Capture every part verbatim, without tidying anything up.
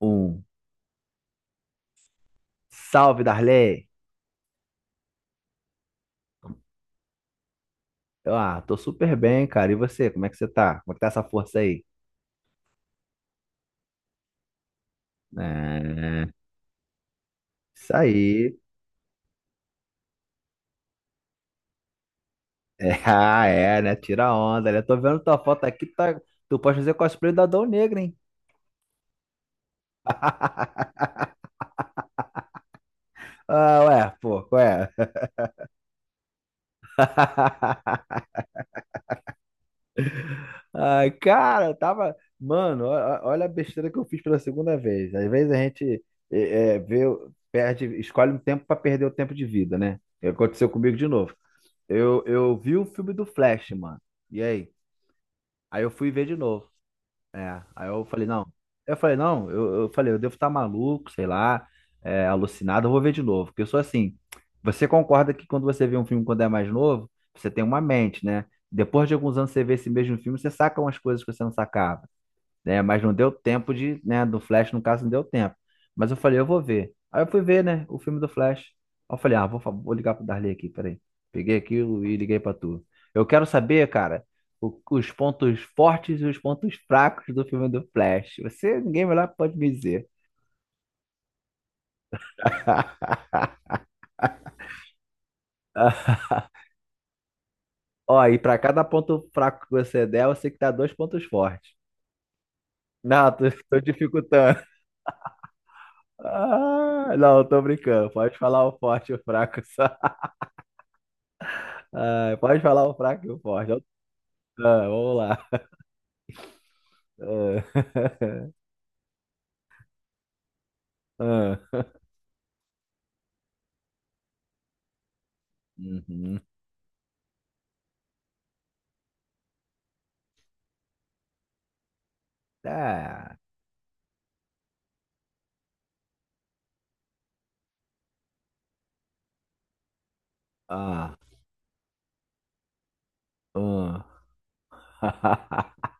Um. Salve, Darley! Eu, ah, tô super bem, cara. E você, como é que você tá? Como é que tá essa força aí? É, isso aí. É, ah, é, né? Tira a onda, né? Tô vendo tua foto aqui, tá... tu pode fazer cosplay do Adão Negro, hein? Ah, ué, pô, qual é? Ai, cara, eu tava. Mano, ó- ó- olha a besteira que eu fiz pela segunda vez. Às vezes a gente é, é, vê, perde, escolhe um tempo pra perder o tempo de vida, né? E aconteceu comigo de novo. Eu, eu vi o filme do Flash, mano. E aí? Aí eu fui ver de novo. É. Aí eu falei, não. Eu falei, não, eu, eu falei, eu devo estar maluco, sei lá, é, alucinado, eu vou ver de novo. Porque eu sou assim. Você concorda que quando você vê um filme quando é mais novo, você tem uma mente, né? Depois de alguns anos você vê esse mesmo filme, você saca umas coisas que você não sacava né? Mas não deu tempo de, né? Do Flash, no caso, não deu tempo. Mas eu falei, eu vou ver. Aí eu fui ver, né? O filme do Flash. Aí eu falei, ah, vou, fa- vou ligar pro Darley aqui, peraí. Peguei aquilo e liguei pra tu. Eu quero saber, cara, o- os pontos fortes e os pontos fracos do filme do Flash. Você, ninguém melhor pode me dizer. Ó, e pra cada ponto fraco que você der, você que dá dois pontos fortes. Não, tô, tô dificultando. Ah, não, tô brincando. Pode falar o forte e o fraco só. Ah, pode falar o fraco e o forte. Ah, vamos lá. Ah, ah, uhum. Ah, ah, ah.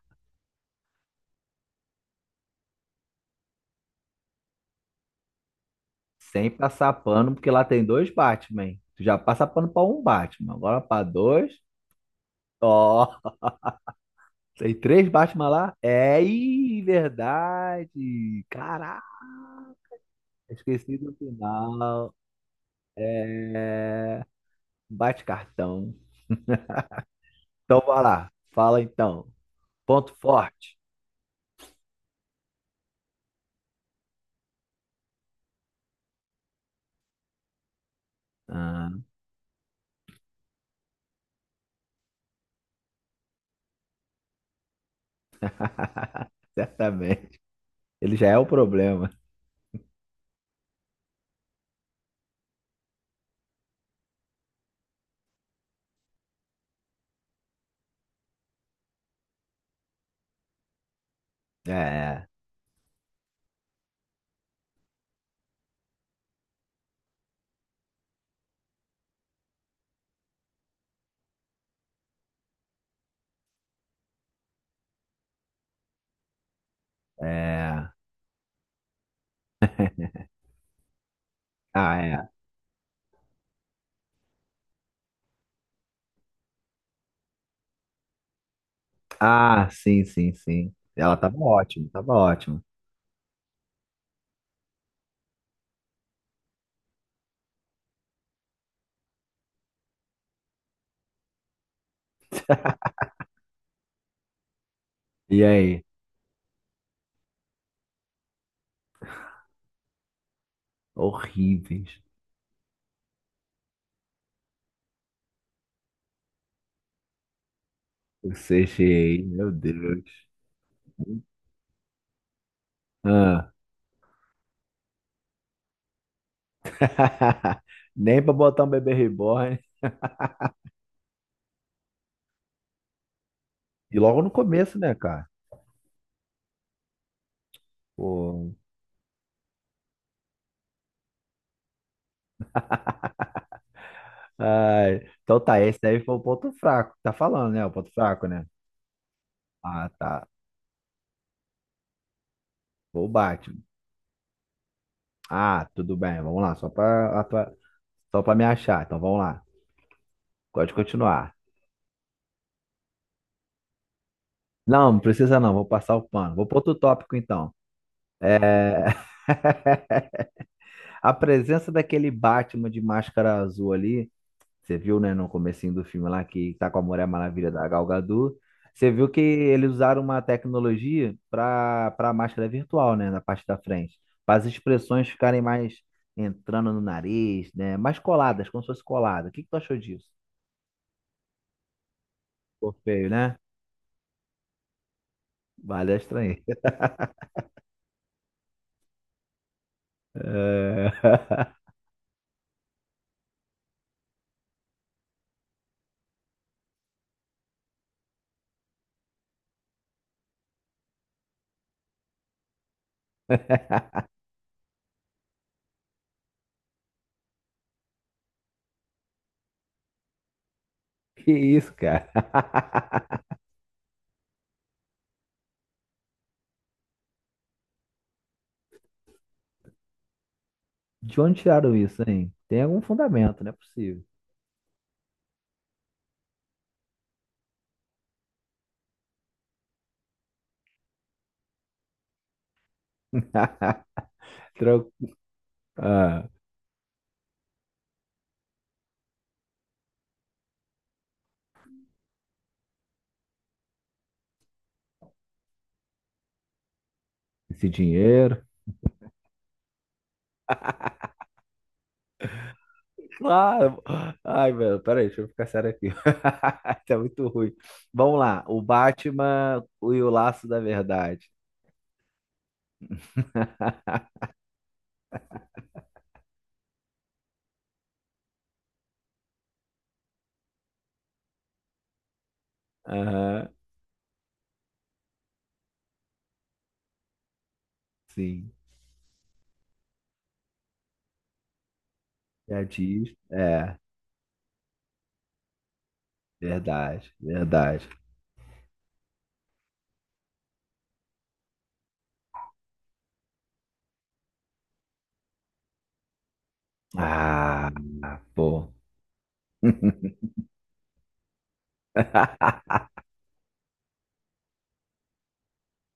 Sem passar pano, porque lá tem dois Batman. Tu já passa pano pra um Batman, agora pra dois. Ó, tem três Batman lá? É, ih, verdade. Caraca, esqueci do final. É, bate cartão. Então, vai lá. Fala então. Ponto forte. Ah, certamente. Ele já é o problema. É, é. Ah, é. Ah, sim, sim, sim. Ela tava ótima, tava ótima. E aí? Horríveis. O C G I, meu Deus. Ah. Nem pra botar um bebê reborn. E logo no começo, né, cara? Pô. Ai. Então tá, esse daí foi o ponto fraco. Tá falando, né? O ponto fraco, né? Ah, tá. Foi o Batman. Ah, tudo bem. Vamos lá, só pra, a- pra- só pra me achar. Então vamos lá. Pode continuar. Não, não precisa não, vou passar o pano. Vou para outro tópico então. É, a presença daquele Batman de máscara azul ali, você viu, né, no comecinho do filme lá que tá com a Mulher Maravilha da Gal Gadot, você viu que eles usaram uma tecnologia para para máscara virtual, né, na parte da frente, para as expressões ficarem mais entrando no nariz, né, mais coladas, como se fosse colada. O que que tu achou disso? Ficou feio, né? Vale a estranheza. É. Que isso, cara? De onde tiraram isso, hein? Tem algum fundamento, não é possível. Tran- Ah, esse dinheiro. Claro. Ai, velho, peraí, deixa eu ficar sério aqui. Tá muito ruim. Vamos lá. O Batman e o Laço da Verdade. Aham, sim. Já diz. É, verdade, verdade. Ah, pô.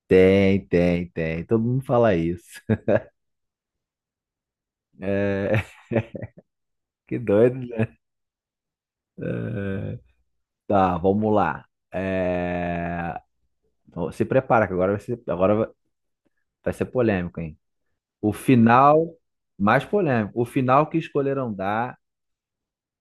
Tem, tem, tem. Todo mundo fala isso. É, que doido, né? É. Tá, vamos lá. É, se prepara, que agora vai ser, agora vai ser polêmico, hein? O final, mais polêmico, o final que escolheram dar,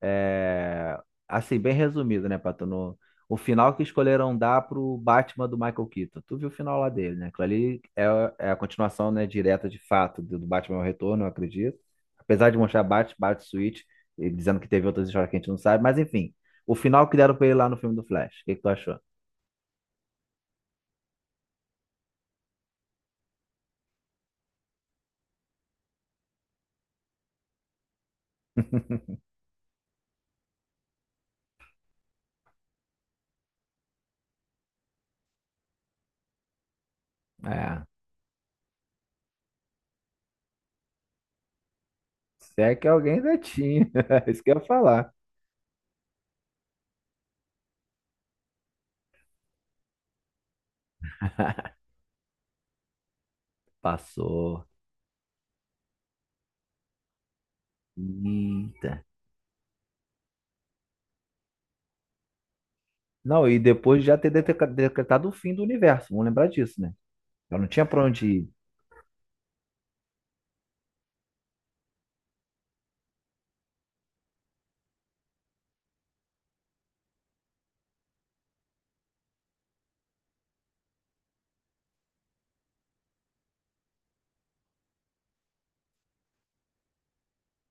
é... assim, bem resumido, né, Pato? No... O final que escolheram dar pro Batman do Michael Keaton. Tu viu o final lá dele, né? Aquilo ali é, é a continuação, né, direta de fato do do Batman ao Retorno, eu acredito. Apesar de mostrar Bat, Bat Switch, e dizendo que teve outras histórias que a gente não sabe, mas enfim. O final que deram pra ele lá no filme do Flash. O que que tu achou? É. Se é que alguém ainda tinha. Isso que eu ia falar. Passou. Eita. Não, e depois de já ter deteca- decretado o fim do universo. Vamos lembrar disso, né? Eu não tinha pra onde ir.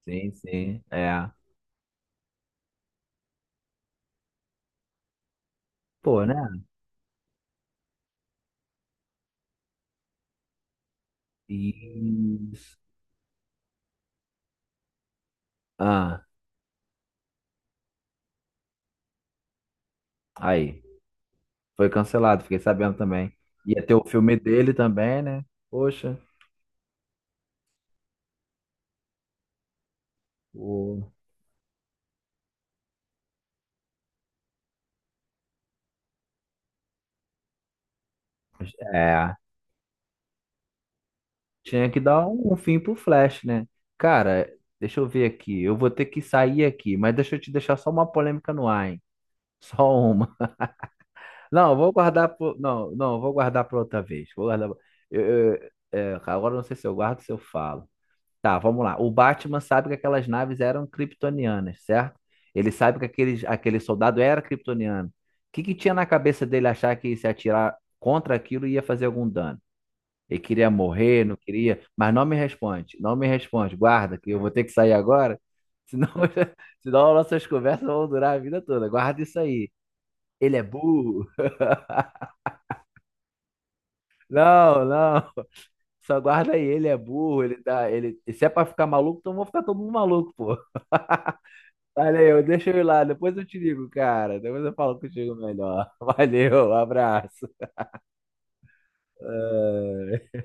Sim, sim. É. Pô, né? Isso. Ah, aí. Foi cancelado, fiquei sabendo também. Ia ter o filme dele também, né? Poxa. O... É. Tinha que dar um um fim pro Flash, né? Cara, deixa eu ver aqui. Eu vou ter que sair aqui, mas deixa eu te deixar só uma polêmica no ar, hein? Só uma. Não, eu vou guardar pro... Não, não, eu vou guardar para outra vez. Vou guardar. Eu, eu- é, agora eu não sei se eu guardo ou se eu falo. Tá, vamos lá. O Batman sabe que aquelas naves eram kryptonianas, certo? Ele sabe que aquele, aquele soldado era kryptoniano. O que que tinha na cabeça dele achar que se atirar contra aquilo ia fazer algum dano? Ele queria morrer, não queria, mas não me responde, não me responde. Guarda, que eu vou ter que sair agora, senão, senão nossas conversas vão durar a vida toda. Guarda isso aí. Ele é burro. Não, não. Só guarda aí, ele é burro, ele tá, ele, se é pra ficar maluco, então vou ficar todo mundo maluco, pô. Valeu, deixa eu ir lá, depois eu te ligo, cara. Depois eu falo contigo melhor. Valeu, um abraço. Ah.